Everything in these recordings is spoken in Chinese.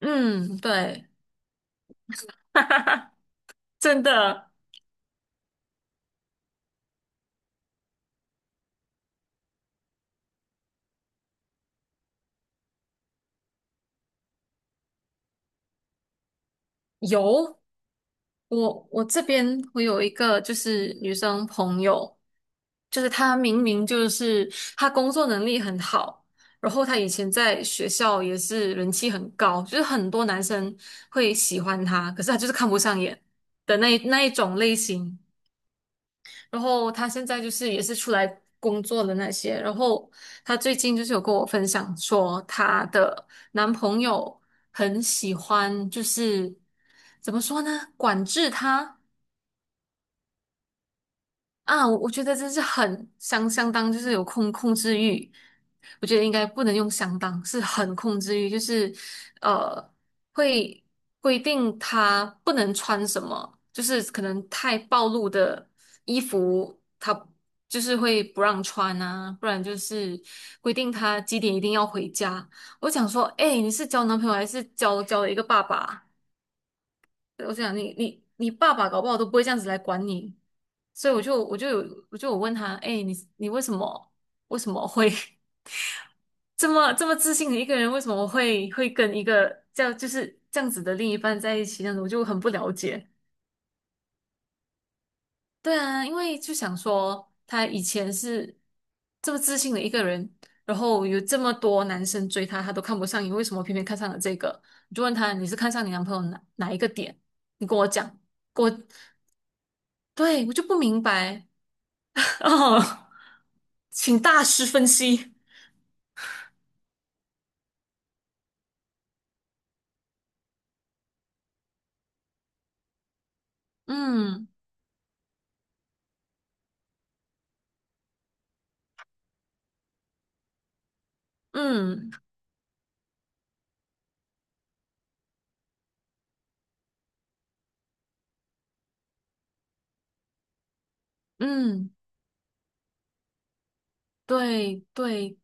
嗯，对，哈哈哈，真的有。我这边我有一个就是女生朋友，就是她明明就是她工作能力很好，然后她以前在学校也是人气很高，就是很多男生会喜欢她，可是她就是看不上眼的那一种类型。然后她现在就是也是出来工作的那些，然后她最近就是有跟我分享说，她的男朋友很喜欢，就是怎么说呢，管制她。啊，我觉得这是很相当，就是有控制欲。我觉得应该不能用相当，是很控制欲，就是呃，会规定他不能穿什么，就是可能太暴露的衣服，他就是会不让穿啊，不然就是规定他几点一定要回家。我想说，哎，你是交男朋友还是交了一个爸爸？我想你爸爸搞不好都不会这样子来管你。所以我就有问他，哎，你为什么会 这么自信的一个人，为什么会跟一个这样子的另一半在一起，那我就很不了解。对啊，因为就想说他以前是这么自信的一个人，然后有这么多男生追他，他都看不上你，为什么偏偏看上了这个？我就问他，你是看上你男朋友哪一个点？你跟我讲，跟我，对，我就不明白。 哦，请大师分析。嗯嗯嗯，对对，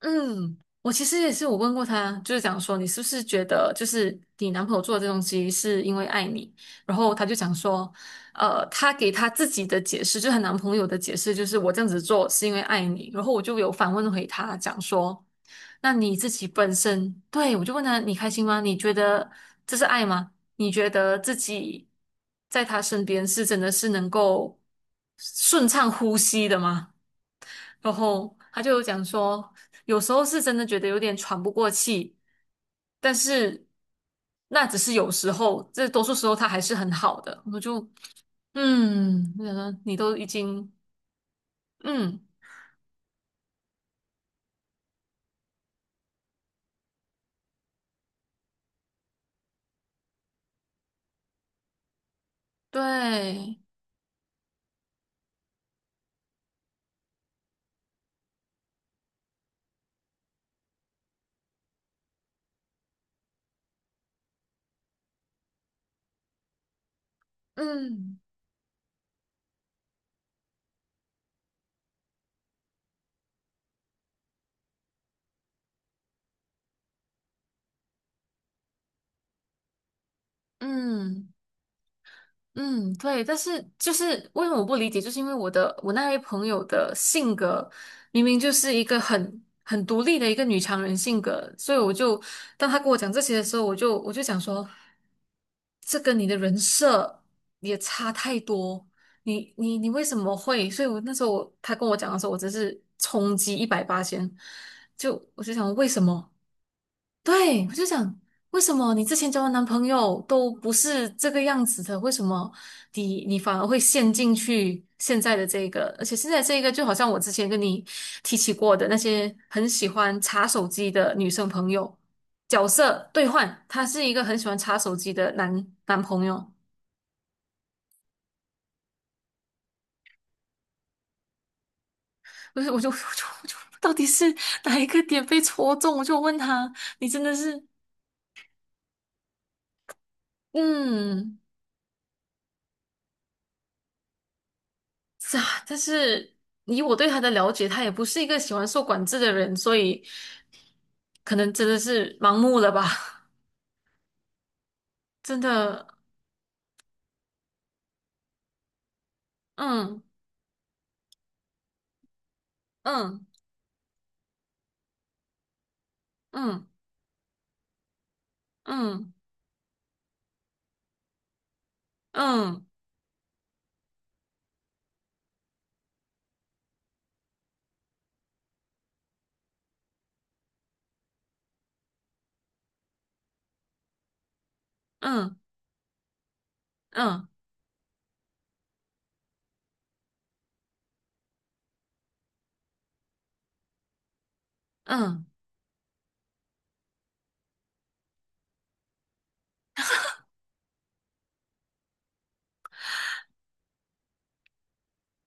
嗯，我其实也是，我问过他，就是讲说你是不是觉得，就是你男朋友做的这东西是因为爱你，然后他就讲说，他给他自己的解释，就是她男朋友的解释，就是我这样子做是因为爱你。然后我就有反问回他，讲说，那你自己本身，对，我就问他你开心吗？你觉得这是爱吗？你觉得自己在他身边是真的是能够顺畅呼吸的吗？然后他就有讲说，有时候是真的觉得有点喘不过气，但是那只是有时候，这多数时候他还是很好的。我就我想说你都已经。嗯，对，嗯嗯。嗯，对，但是就是为什么我不理解，就是因为我那位朋友的性格明明就是一个很独立的一个女强人性格。所以我就当他跟我讲这些的时候，我就想说，这跟你的人设也差太多，你为什么会？所以我那时候他跟我讲的时候，我真是冲击一百八千，就我就想为什么？对，我就想，为什么你之前交的男朋友都不是这个样子的？为什么你反而会陷进去现在的这个？而且现在这个就好像我之前跟你提起过的那些很喜欢查手机的女生朋友，角色兑换，他是一个很喜欢查手机的男朋友，不是？我就到底是哪一个点被戳中？我就问他，你真的是嗯。是啊，但是以我对他的了解，他也不是一个喜欢受管制的人，所以可能真的是盲目了吧？真的，嗯嗯嗯嗯嗯嗯嗯嗯，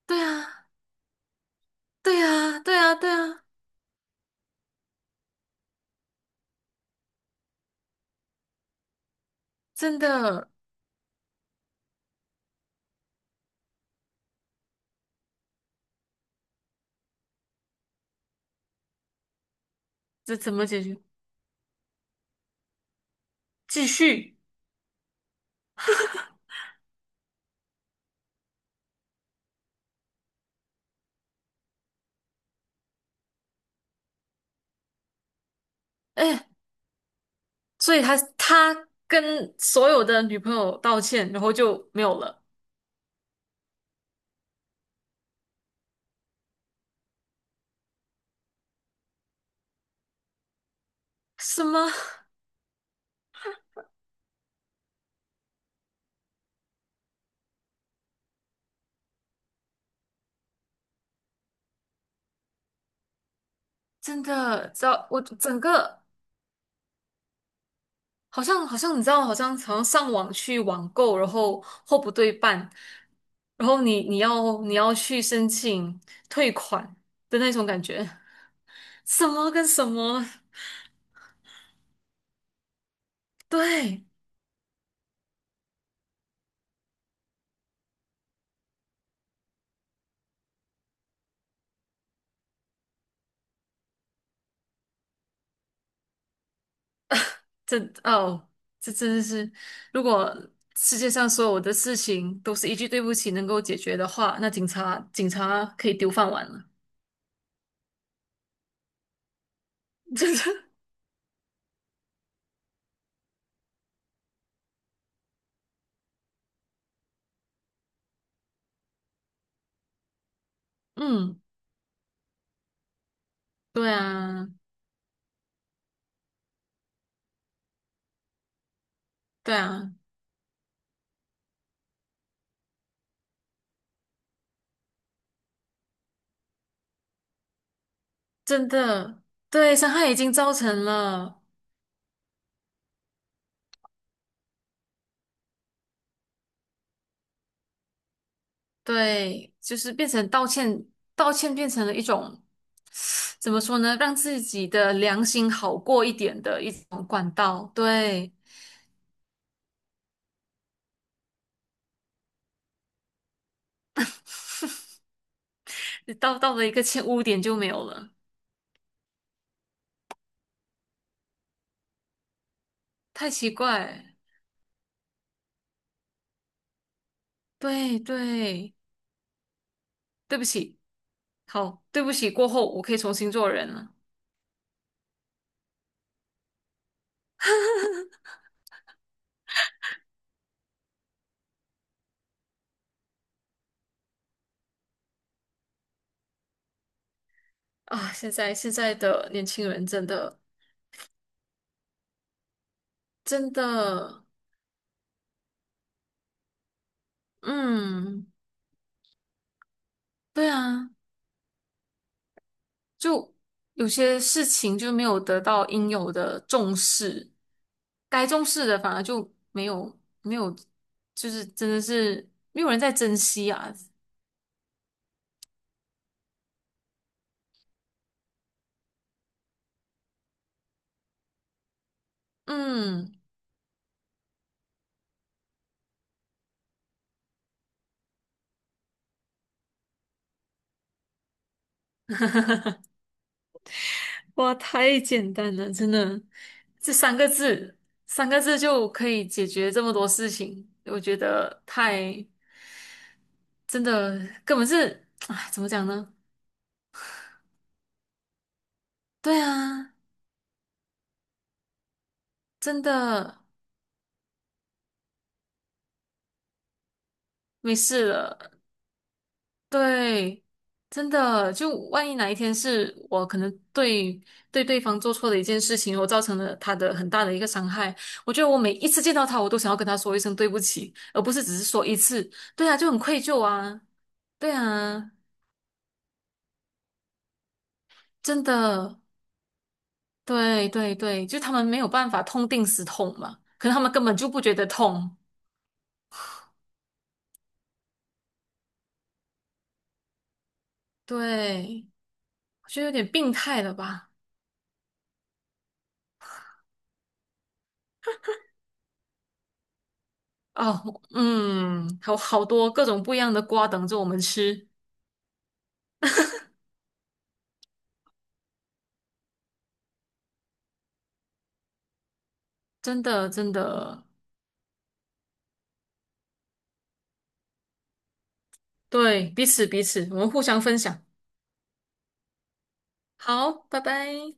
对啊，对啊，对啊，对啊，真的，这怎么解决？继续，哎，所以他跟所有的女朋友道歉，然后就没有了。什么？真的，知道我整个。好像你知道，好像上网去网购，然后货不对半，然后你要去申请退款的那种感觉，什么跟什么？对，这哦，这真的是，如果世界上所有的事情都是一句对不起能够解决的话，那警察可以丢饭碗了。真的。嗯，对啊，对啊，真的，对，伤害已经造成了。对，就是变成道歉，道歉变成了一种，怎么说呢，让自己的良心好过一点的一种管道。对，道到了一个欠污点就没有了，太奇怪。对对，对不起，好，对不起，过后我可以重新做人了。啊！现在的年轻人真的真的，嗯，对啊。就有些事情就没有得到应有的重视，该重视的反而就没有没有，就是真的是没有人在珍惜啊。嗯，哇，太简单了，真的，这三个字，三个字就可以解决这么多事情，我觉得太真的根本是，哎，怎么讲呢？对啊，真的没事了。对，真的，就万一哪一天是我可能对对方做错的一件事情，我造成了他的很大的一个伤害，我觉得我每一次见到他，我都想要跟他说一声对不起，而不是只是说一次。对啊，就很愧疚啊，对啊，真的，对对对，就他们没有办法痛定思痛嘛，可能他们根本就不觉得痛，对，我觉得有点病态了吧？哦，嗯，有好多各种不一样的瓜等着我们吃。真的真的，对，彼此彼此，我们互相分享。好，拜拜。